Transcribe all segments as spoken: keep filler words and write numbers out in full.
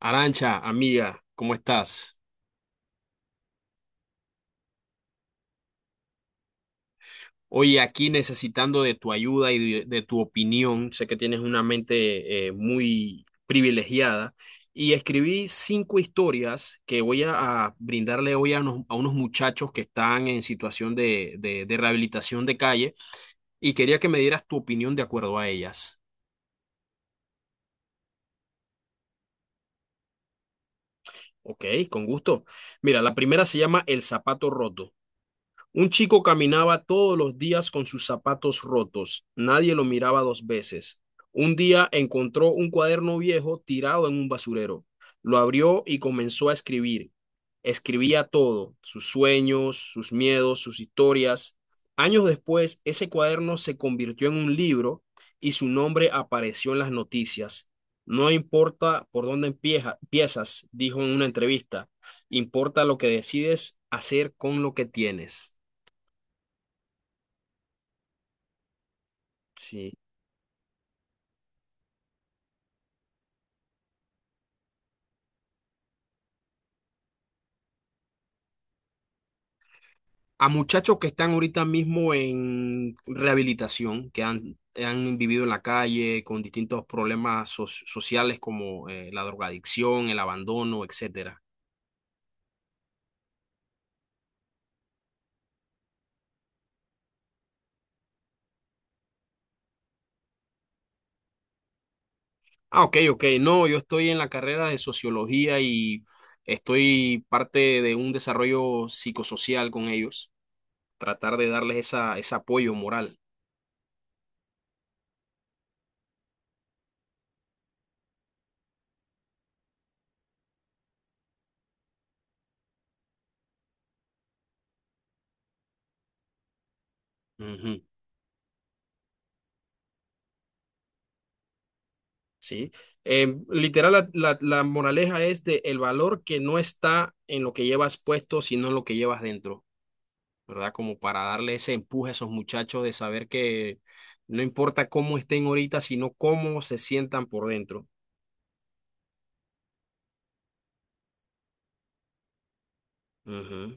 Arancha, amiga, ¿cómo estás? Oye, aquí necesitando de tu ayuda y de, de tu opinión, sé que tienes una mente eh, muy privilegiada y escribí cinco historias que voy a, a brindarle hoy a unos, a unos muchachos que están en situación de, de de rehabilitación de calle y quería que me dieras tu opinión de acuerdo a ellas. Ok, con gusto. Mira, la primera se llama El zapato roto. Un chico caminaba todos los días con sus zapatos rotos. Nadie lo miraba dos veces. Un día encontró un cuaderno viejo tirado en un basurero. Lo abrió y comenzó a escribir. Escribía todo, sus sueños, sus miedos, sus historias. Años después, ese cuaderno se convirtió en un libro y su nombre apareció en las noticias. No importa por dónde empieza, empiezas, dijo en una entrevista, importa lo que decides hacer con lo que tienes. Sí. A muchachos que están ahorita mismo en rehabilitación, que han, han vivido en la calle con distintos problemas so- sociales como eh, la drogadicción, el abandono, etcétera. Ah, ok, ok. No, yo estoy en la carrera de sociología y estoy parte de un desarrollo psicosocial con ellos, tratar de darles esa, ese apoyo moral. Ujú. ¿Sí? Eh, literal, la, la- la moraleja es de el valor que no está en lo que llevas puesto, sino en lo que llevas dentro, ¿verdad? Como para darle ese empuje a esos muchachos de saber que no importa cómo estén ahorita, sino cómo se sientan por dentro. Ujú.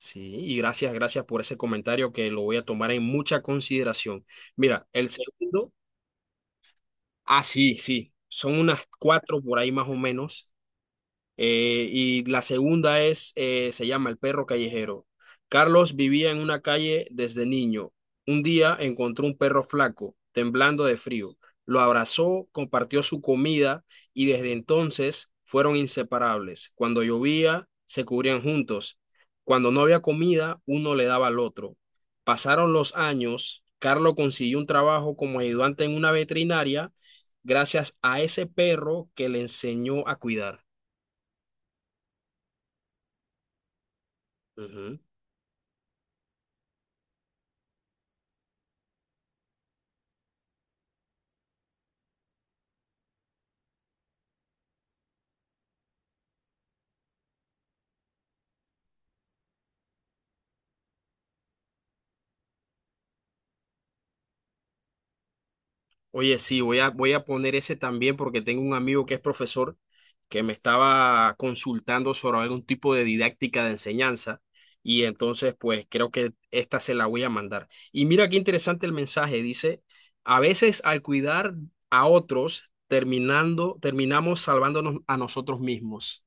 Sí, y gracias, gracias por ese comentario que lo voy a tomar en mucha consideración. Mira, el segundo, ah, sí, sí, son unas cuatro por ahí más o menos. Eh, y la segunda es, eh, se llama El perro callejero. Carlos vivía en una calle desde niño. Un día encontró un perro flaco, temblando de frío. Lo abrazó, compartió su comida y desde entonces fueron inseparables. Cuando llovía, se cubrían juntos. Cuando no había comida, uno le daba al otro. Pasaron los años, Carlos consiguió un trabajo como ayudante en una veterinaria gracias a ese perro que le enseñó a cuidar. Ujú. Oye, sí, voy a, voy a poner ese también porque tengo un amigo que es profesor que me estaba consultando sobre algún tipo de didáctica de enseñanza y entonces pues creo que esta se la voy a mandar. Y mira qué interesante el mensaje, dice, a veces al cuidar a otros terminando, terminamos salvándonos a nosotros mismos.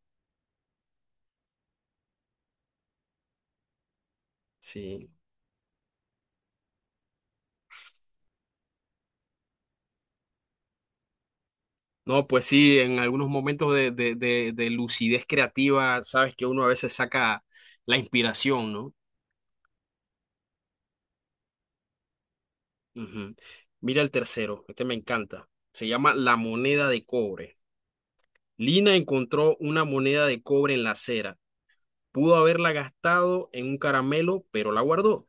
Sí. No, pues sí, en algunos momentos de, de de- de lucidez creativa, sabes que uno a veces saca la inspiración, ¿no? Ujú. Mira el tercero, este me encanta. Se llama La moneda de cobre. Lina encontró una moneda de cobre en la acera. Pudo haberla gastado en un caramelo, pero la guardó.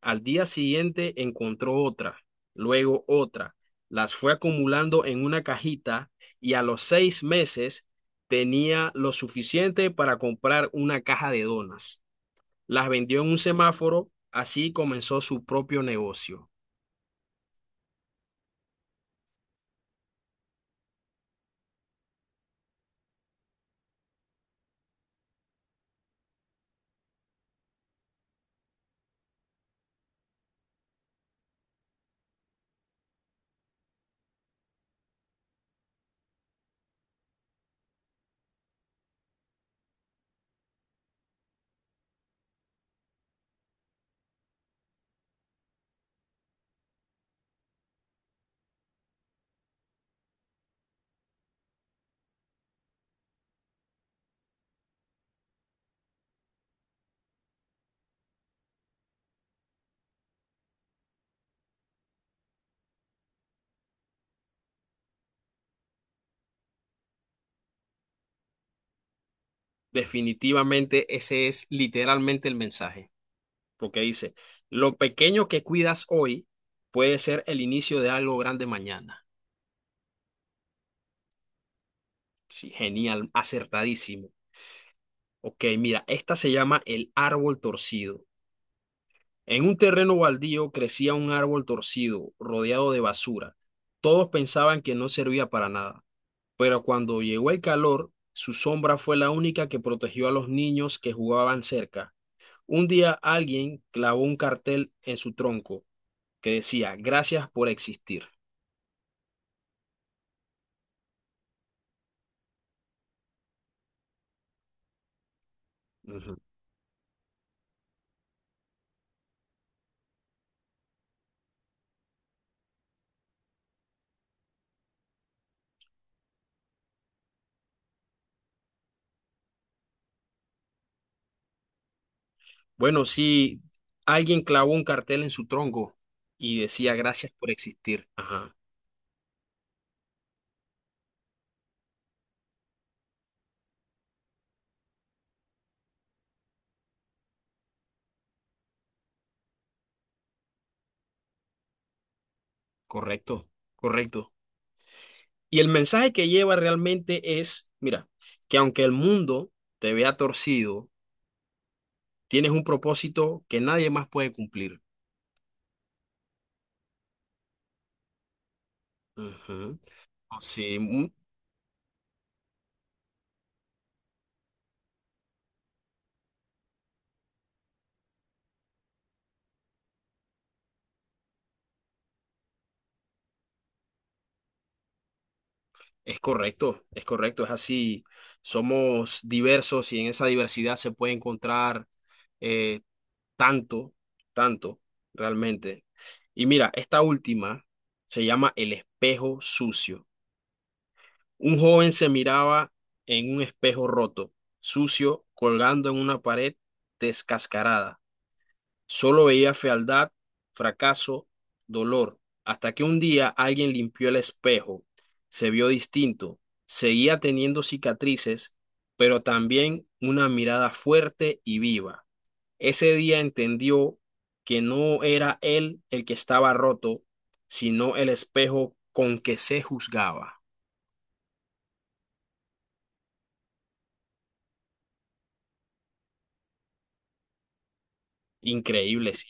Al día siguiente encontró otra, luego otra. Las fue acumulando en una cajita y a los seis meses tenía lo suficiente para comprar una caja de donas. Las vendió en un semáforo, así comenzó su propio negocio. Definitivamente ese es literalmente el mensaje, porque dice, lo pequeño que cuidas hoy puede ser el inicio de algo grande mañana. Sí, genial, acertadísimo. Ok, mira, esta se llama el árbol torcido. En un terreno baldío crecía un árbol torcido, rodeado de basura. Todos pensaban que no servía para nada, pero cuando llegó el calor, su sombra fue la única que protegió a los niños que jugaban cerca. Un día alguien clavó un cartel en su tronco que decía, gracias por existir. Ujú. Bueno, sí, alguien clavó un cartel en su tronco y decía, gracias por existir. Ajá, correcto, correcto. Y el mensaje que lleva realmente es, mira, que aunque el mundo te vea torcido, tienes un propósito que nadie más puede cumplir. Ujú. Sí. mu- Es correcto, es correcto, es así. Somos diversos y en esa diversidad se puede encontrar eh, tanto, tanto, realmente. Y mira, esta última se llama El espejo sucio. Un joven se miraba en un espejo roto, sucio, colgando en una pared descascarada. Solo veía fealdad, fracaso, dolor, hasta que un día alguien limpió el espejo. Se vio distinto. Seguía teniendo cicatrices, pero también una mirada fuerte y viva. Ese día entendió que no era él el que estaba roto, sino el espejo con que se juzgaba. Increíble, sí.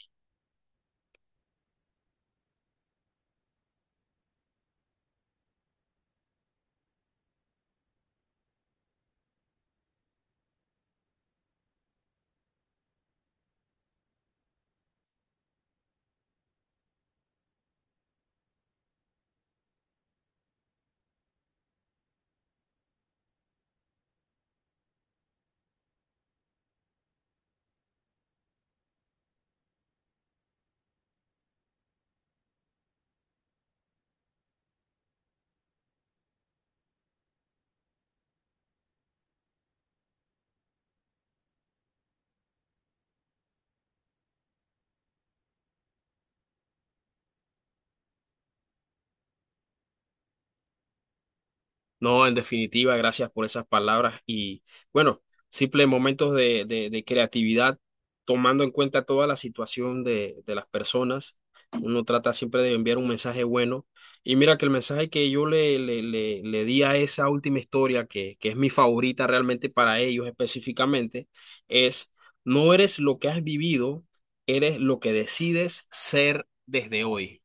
No, en definitiva, gracias por esas palabras y bueno, simples momentos de, de- de creatividad, tomando en cuenta toda la situación de, de las personas. Uno trata siempre de enviar un mensaje bueno. Y mira que el mensaje que yo le, le, le, le di a esa última historia, que, que es mi favorita realmente para ellos específicamente, es no eres lo que has vivido, eres lo que decides ser desde hoy.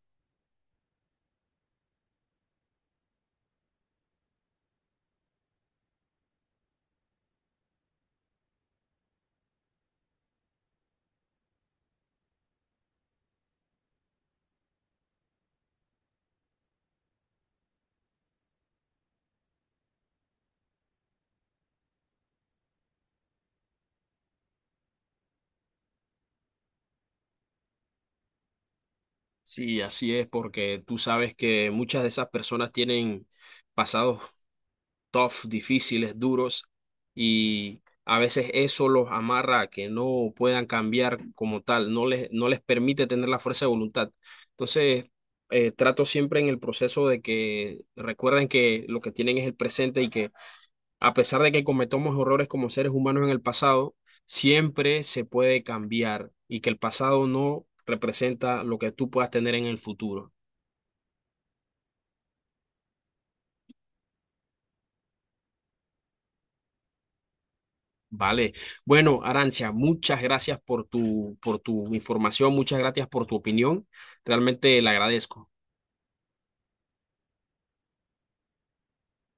Sí, así es, porque tú sabes que muchas de esas personas tienen pasados tough, difíciles, duros, y a veces eso los amarra a que no puedan cambiar como tal, no les, no les permite tener la fuerza de voluntad. Entonces, eh, trato siempre en el proceso de que recuerden que lo que tienen es el presente y que a pesar de que cometamos errores como seres humanos en el pasado, siempre se puede cambiar y que el pasado no representa lo que tú puedas tener en el futuro. Vale. Bueno, Arancia, muchas gracias por tu, por tu información, muchas gracias por tu opinión. Realmente la agradezco.